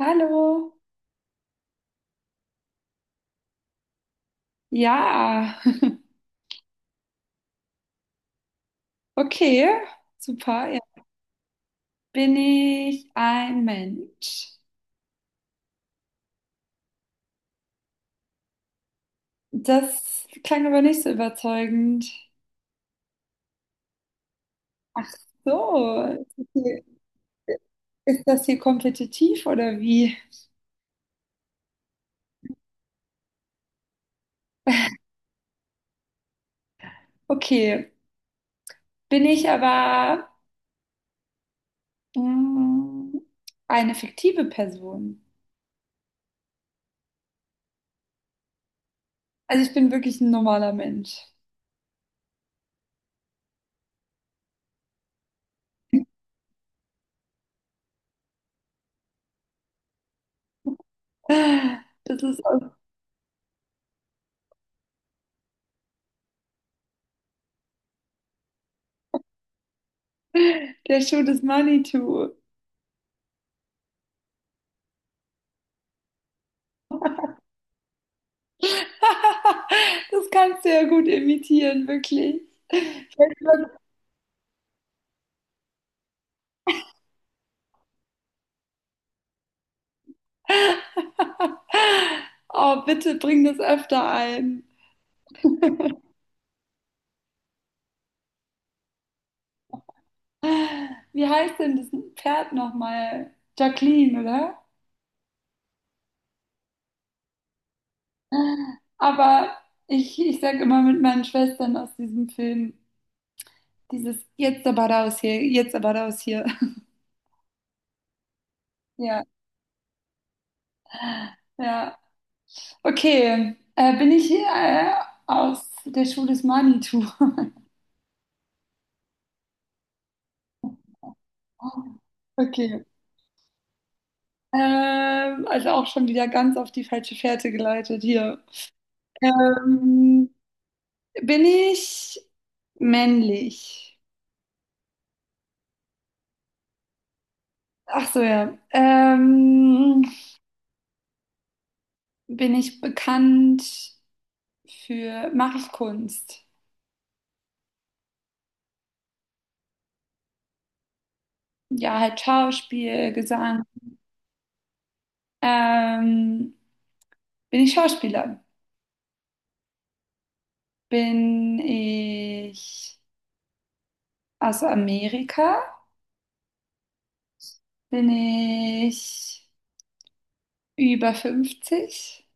Hallo. Ja, okay, super. Ja. Bin ich ein Mensch? Das klang aber nicht so überzeugend. Ach so, ist das hier, ist das hier kompetitiv oder wie? Okay, bin ich aber mm, eine fiktive Person? Also ich bin wirklich ein normaler Mensch. Das ist aus der Schuh des Manitou. Das kannst du ja gut imitieren, wirklich. Oh, bitte bring das öfter ein. Wie heißt denn das Pferd nochmal? Jacqueline, oder? Aber ich sage immer mit meinen Schwestern aus diesem Film, dieses jetzt aber raus hier, jetzt aber raus hier. Ja, ja. Okay, bin ich aus der Schule des Manitou? Okay. Also auch schon wieder ganz auf die falsche Fährte geleitet hier. Ähm, Bin ich männlich? Ach so, ja. Bin ich bekannt für, mache ich Kunst? Ja, halt Schauspiel, Gesang. Ähm, bin ich Schauspieler? Bin ich aus Amerika? Bin ich über 50?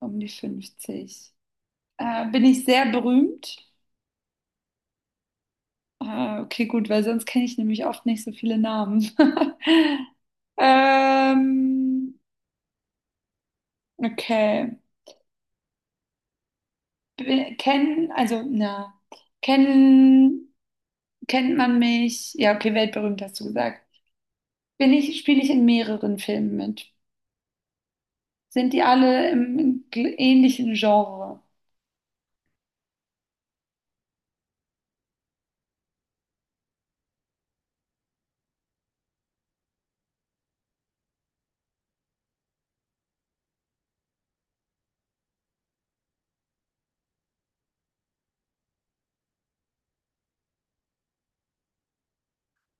Um die 50. Bin ich sehr berühmt? Ah, okay, gut, weil sonst kenne ich nämlich oft nicht so viele Namen. Ähm, okay. Kennen, also, na, kennen, kennt man mich? Ja, okay, weltberühmt hast du gesagt. Spiele ich in mehreren Filmen mit? Sind die alle im ähnlichen Genre?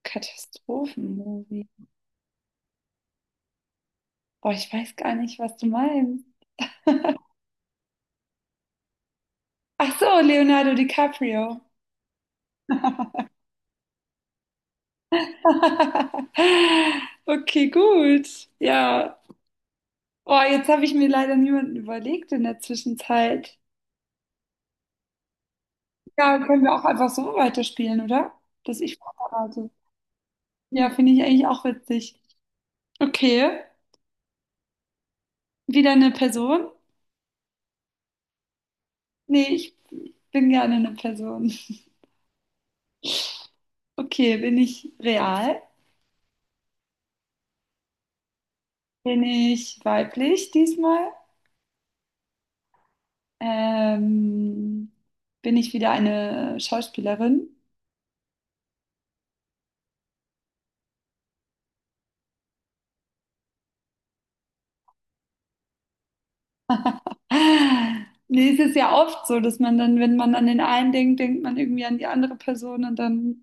Katastrophenmovie. Boah, ich weiß gar nicht, was du meinst. Ach so, Leonardo DiCaprio. Okay, gut. Ja, oh, jetzt habe ich mir leider niemanden überlegt in der Zwischenzeit. Ja, können wir auch einfach so weiterspielen, oder? Dass ich vorbereite. Ja, finde ich eigentlich auch witzig. Okay, wieder eine Person? Nee, ich bin gerne eine Person. Okay, bin ich real? Bin ich weiblich diesmal? Ähm, bin ich wieder eine Schauspielerin? Ah, nee, es ist ja oft so, dass man dann, wenn man an den einen denkt, denkt man irgendwie an die andere Person und dann,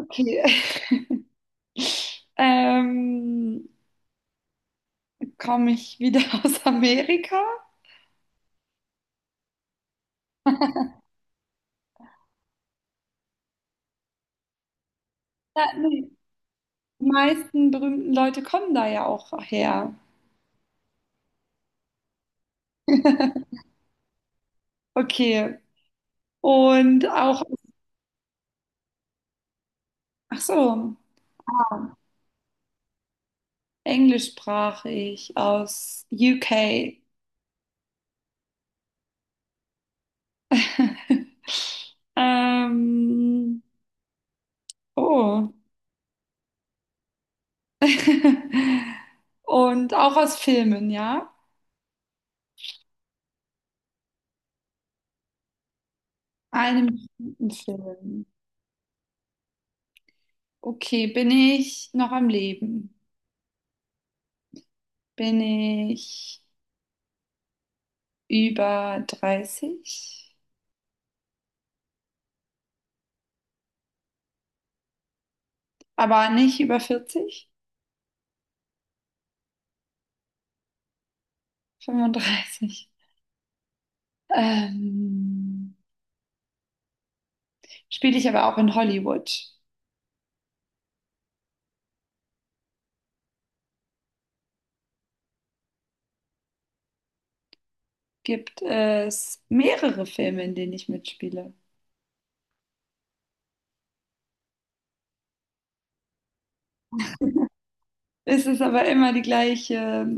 okay. Ähm, komme ich wieder aus Amerika? Ja, nee. Die meisten berühmten Leute kommen da ja auch her. Okay. Und auch, ach so, englischsprachig aus UK. Ähm, oh. Und auch aus Filmen, ja? Einem bestimmten Film. Okay, bin ich noch am Leben? Bin ich über 30, aber nicht über 40, 35. Ähm, spiele ich aber auch in Hollywood. Gibt es mehrere Filme, in denen ich mitspiele. Es ist aber immer die gleiche.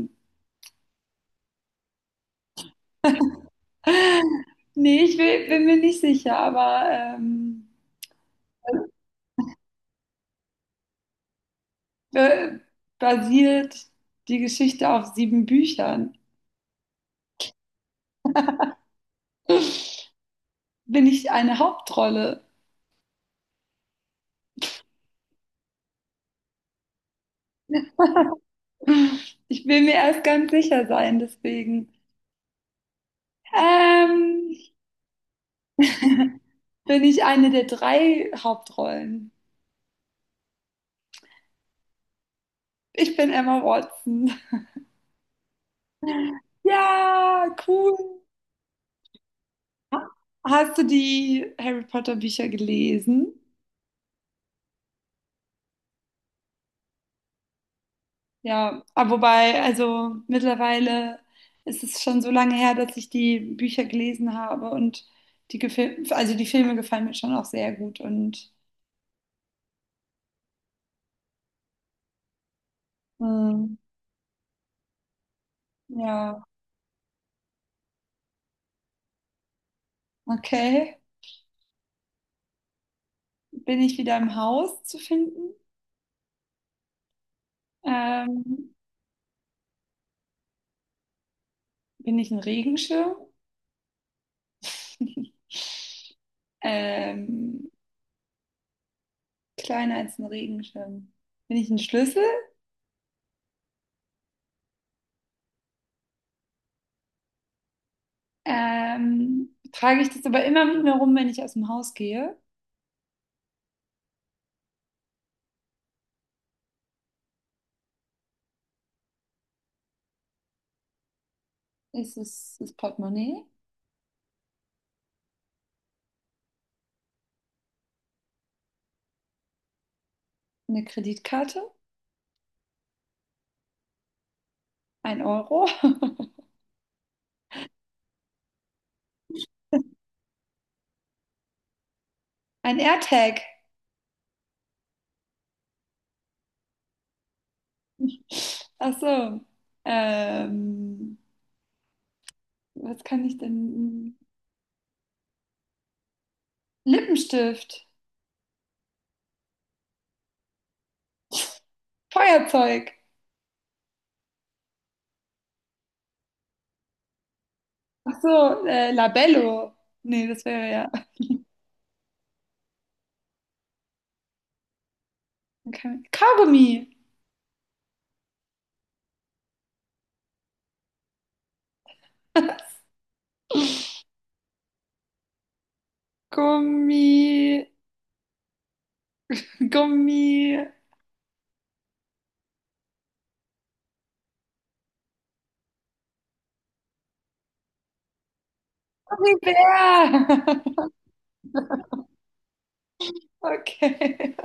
Nee, bin mir nicht sicher, aber äh, basiert die Geschichte auf sieben Büchern. Bin ich eine Hauptrolle? Ich will mir erst ganz sicher sein, deswegen. Ähm, bin ich eine der drei Hauptrollen. Ich bin Emma Watson. Ja, cool. Hast du die Harry Potter Bücher gelesen? Ja, aber wobei, also mittlerweile ist es schon so lange her, dass ich die Bücher gelesen habe und die Gefil also die Filme gefallen mir schon auch sehr gut und ähm, ja, okay. Bin ich wieder im Haus zu finden? Ähm, bin ich ein Regenschirm? Ähm, kleiner als ein Regenschirm. Bin ich ein Schlüssel? Trage ich das aber immer mit mir rum, wenn ich aus dem Haus gehe? Ist es das Portemonnaie? Eine Kreditkarte? Ein Euro? Ein AirTag? Ach so. Ähm, was kann ich denn? Lippenstift? Feuerzeug? Ach so, Labello. Nee, das wäre ja. Okay. Kaugummi. Gummi. Gummi. Gummibär. Okay.